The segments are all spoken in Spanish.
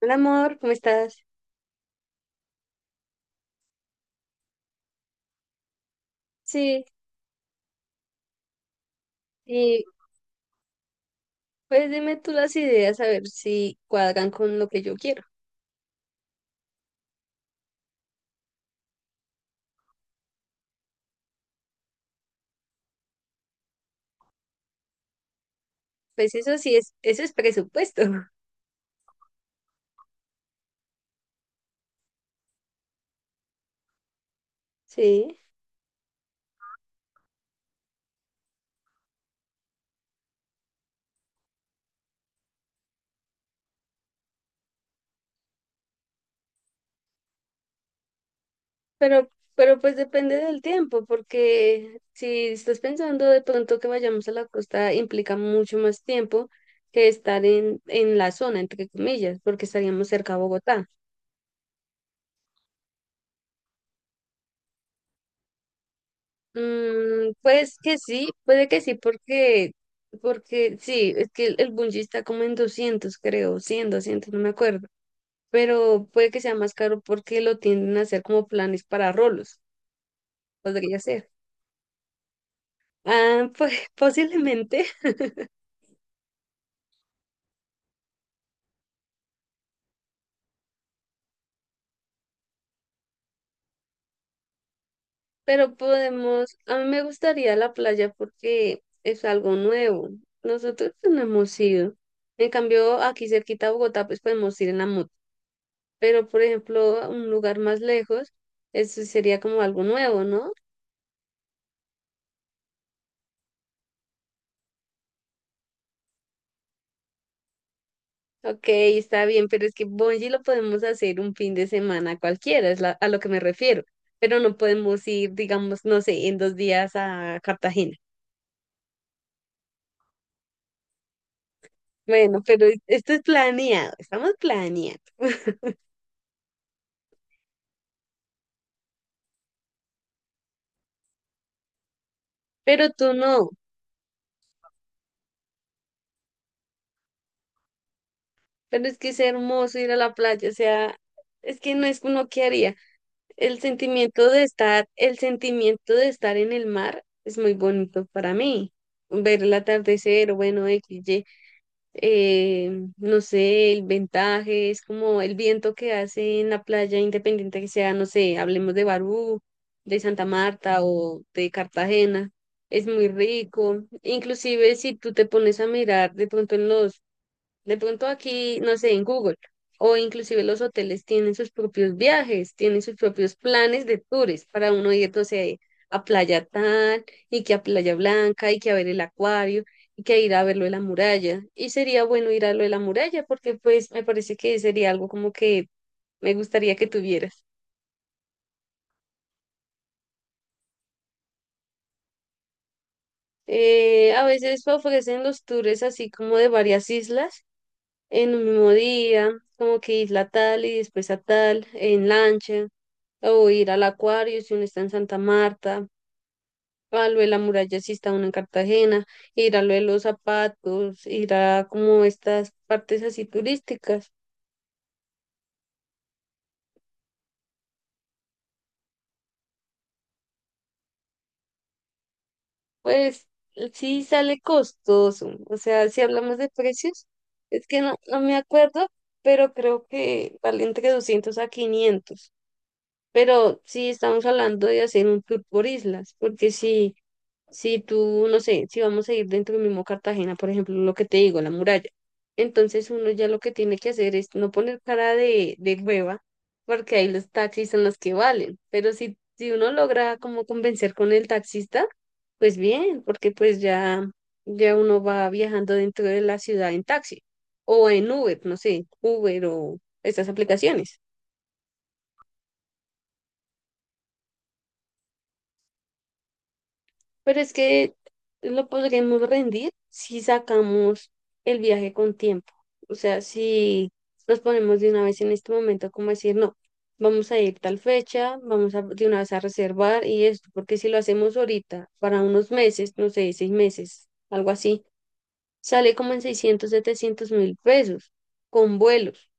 Hola amor, ¿cómo estás? Sí, y pues dime tú las ideas a ver si cuadran con lo que yo quiero. Pues eso sí es, eso es presupuesto. Sí, pero, pero pues depende del tiempo, porque si estás pensando de pronto que vayamos a la costa implica mucho más tiempo que estar en la zona, entre comillas, porque estaríamos cerca a Bogotá. Pues que sí, puede que sí, porque sí, es que el bungee está como en 200 creo, 100, 200, no me acuerdo, pero puede que sea más caro porque lo tienden a hacer como planes para rolos, podría ser. Ah, pues posiblemente, pero podemos, a mí me gustaría la playa porque es algo nuevo, nosotros no hemos ido, en cambio aquí cerquita a Bogotá pues podemos ir en la moto pero por ejemplo, a un lugar más lejos, eso sería como algo nuevo, ¿no? Ok, está bien, pero es que Bonji lo podemos hacer un fin de semana cualquiera, a lo que me refiero, pero no podemos ir, digamos, no sé, en dos días a Cartagena. Bueno, pero esto es planeado, estamos planeando, pero tú no, pero es que es hermoso ir a la playa, o sea, es que no es uno que haría. El sentimiento de estar, el sentimiento de estar en el mar es muy bonito para mí. Ver el atardecer, bueno, XY, eh, no sé, el ventaje, es como el viento que hace en la playa, independiente que sea, no sé, hablemos de Barú, de Santa Marta o de Cartagena, es muy rico. Inclusive si tú te pones a mirar de pronto en los de pronto aquí, no sé, en Google, o inclusive los hoteles tienen sus propios viajes, tienen sus propios planes de tours para uno ir, no sé, a Playa Tal y que a Playa Blanca y que a ver el acuario y que ir a ver lo de la muralla. Y sería bueno ir a lo de la muralla porque pues me parece que sería algo como que me gustaría que tuvieras. A veces ofrecen los tours así como de varias islas en un mismo día, como que isla tal y después a tal, en lancha. O ir al Acuario si uno está en Santa Marta, a lo de la muralla si está uno en Cartagena, ir a lo de los zapatos, ir a como estas partes así turísticas. Pues sí sale costoso, o sea, si hablamos de precios, es que no, no me acuerdo, pero creo que vale entre 200 a 500. Pero sí estamos hablando de hacer un tour por islas, porque si, tú, no sé, si vamos a ir dentro del mismo Cartagena, por ejemplo, lo que te digo, la muralla, entonces uno ya lo que tiene que hacer es no poner cara de hueva, porque ahí los taxis son los que valen, pero si uno logra como convencer con el taxista, pues bien, porque pues ya, ya uno va viajando dentro de la ciudad en taxi o en Uber, no sé, Uber o estas aplicaciones. Pero es que lo podremos rendir si sacamos el viaje con tiempo. O sea, si nos ponemos de una vez en este momento, como decir, no, vamos a ir tal fecha, vamos a, de una vez a reservar y esto, porque si lo hacemos ahorita, para unos meses, no sé, 6 meses, algo así, sale como en 600 700 mil pesos con vuelos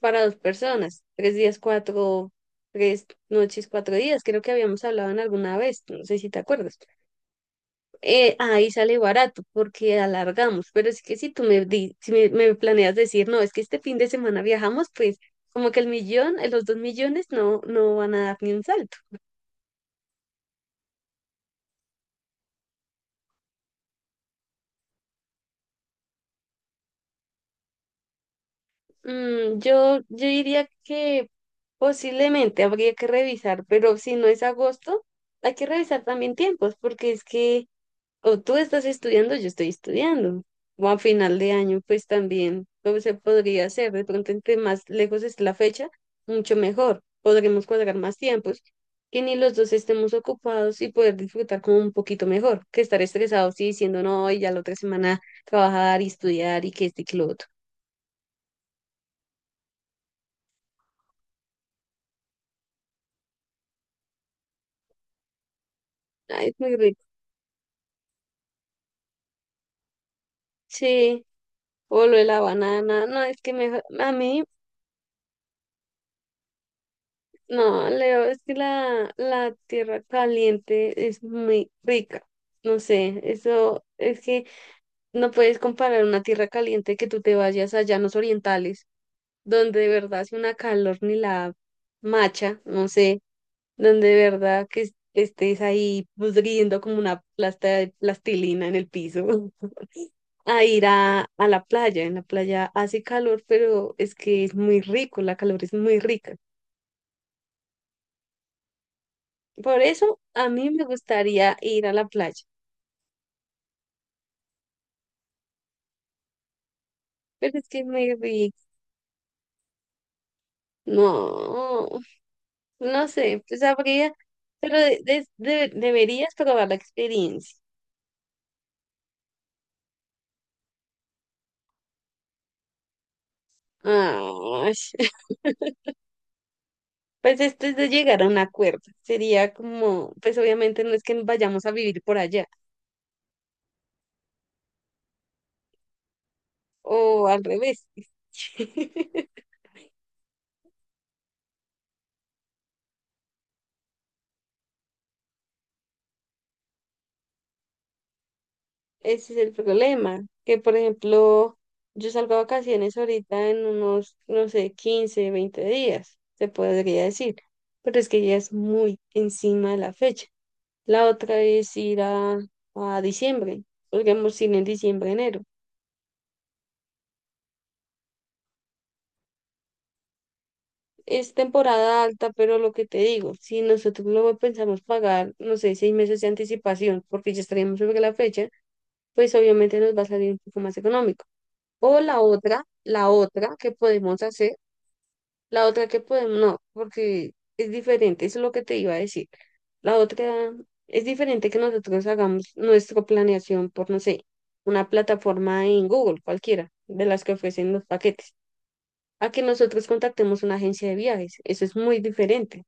para dos personas, 3 días, cuatro, 3 noches, 4 días, creo que habíamos hablado en alguna vez, no sé si te acuerdas. Ahí sale barato porque alargamos, pero es que si tú me, si me planeas decir, no, es que este fin de semana viajamos, pues como que el millón, los 2 millones no, no van a dar ni un salto. Yo diría que posiblemente habría que revisar, pero si no es agosto, hay que revisar también tiempos, porque es que o tú estás estudiando, yo estoy estudiando, o a final de año, pues también, ¿cómo se podría hacer? De pronto, entre más lejos es la fecha, mucho mejor, podremos cuadrar más tiempos, que ni los dos estemos ocupados y poder disfrutar como un poquito mejor, que estar estresados y diciendo, no, y ya la otra semana trabajar y estudiar y que este y que lo otro. Ay, es muy rico. Sí, o lo de la banana, no, es que me, a mí. No, Leo, es que la tierra caliente es muy rica. No sé, eso es que no puedes comparar una tierra caliente que tú te vayas a llanos orientales, donde de verdad hace una calor ni la macha, no sé, donde de verdad que estés ahí pudriendo como una plasta de plastilina en el piso, a ir a la playa. En la playa hace calor, pero es que es muy rico, la calor es muy rica. Por eso a mí me gustaría ir a la playa, pero es que me vi, no, no sé, pues habría, pero deberías probar la experiencia. Ay, pues esto es de llegar a un acuerdo, sería como, pues obviamente no es que vayamos a vivir por allá, o al revés. Ese es el problema, que por ejemplo, yo salgo a vacaciones ahorita en unos, no sé, 15 20 días, se podría decir, pero es que ya es muy encima de la fecha. La otra es ir a diciembre, podríamos ir en diciembre, enero. Es temporada alta, pero lo que te digo, si nosotros luego pensamos pagar, no sé, 6 meses de anticipación, porque ya estaríamos sobre la fecha, pues obviamente nos va a salir un poco más económico. O la otra que podemos hacer. La otra que podemos, no, porque es diferente, eso es lo que te iba a decir. La otra es diferente que nosotros hagamos nuestra planeación por, no sé, una plataforma en Google, cualquiera, de las que ofrecen los paquetes, a que nosotros contactemos una agencia de viajes. Eso es muy diferente.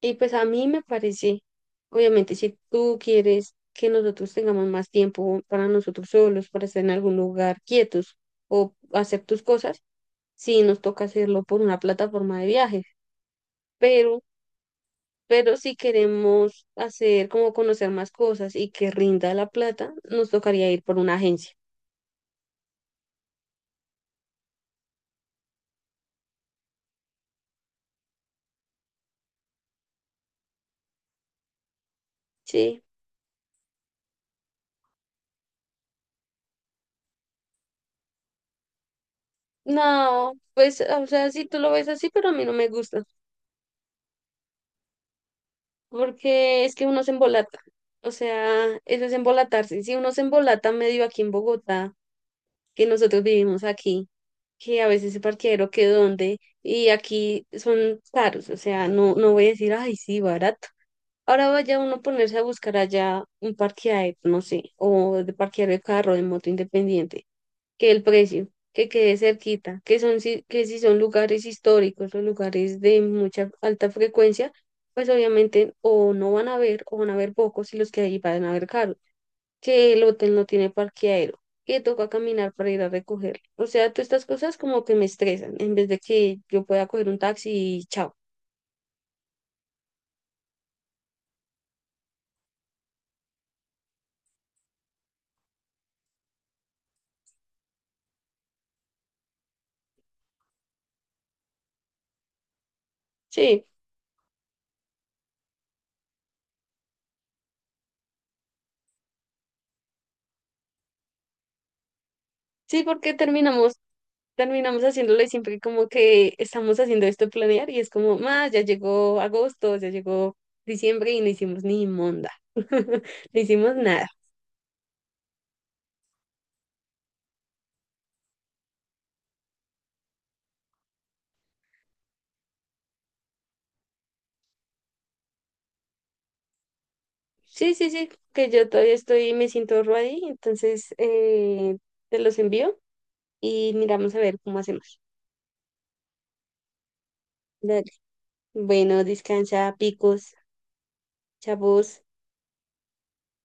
Y pues a mí me parece, obviamente, si tú quieres que nosotros tengamos más tiempo para nosotros solos, para estar en algún lugar quietos o hacer tus cosas, sí nos toca hacerlo por una plataforma de viajes, pero, pero si queremos hacer como conocer más cosas y que rinda la plata, nos tocaría ir por una agencia, ¿sí? No, pues, o sea, sí tú lo ves así, pero a mí no me gusta, porque es que uno se embolata, o sea, eso es embolatarse, si uno se embolata medio aquí en Bogotá, que nosotros vivimos aquí, que a veces se parqueadero que dónde, y aquí son caros, o sea, no, no voy a decir, ay, sí, barato. Ahora vaya uno a ponerse a buscar allá un parqueadero, no sé, o de parquear el carro de moto independiente, que el precio, que quede cerquita, que son si, que si son lugares históricos o lugares de mucha alta frecuencia, pues obviamente o no van a haber o van a haber pocos y los que ahí van a haber caros, que el hotel no tiene parqueadero, que toca caminar para ir a recogerlo. O sea, todas estas cosas como que me estresan, en vez de que yo pueda coger un taxi y chao. Sí, sí, porque terminamos haciéndolo y siempre como que estamos haciendo esto de planear y es como, más, ya llegó agosto, ya llegó diciembre y no hicimos ni monda, no hicimos nada. Sí, sí, sí, que yo todavía estoy, me siento ready, entonces te los envío y miramos a ver cómo hacemos. Dale. Bueno, descansa, picos, chavos.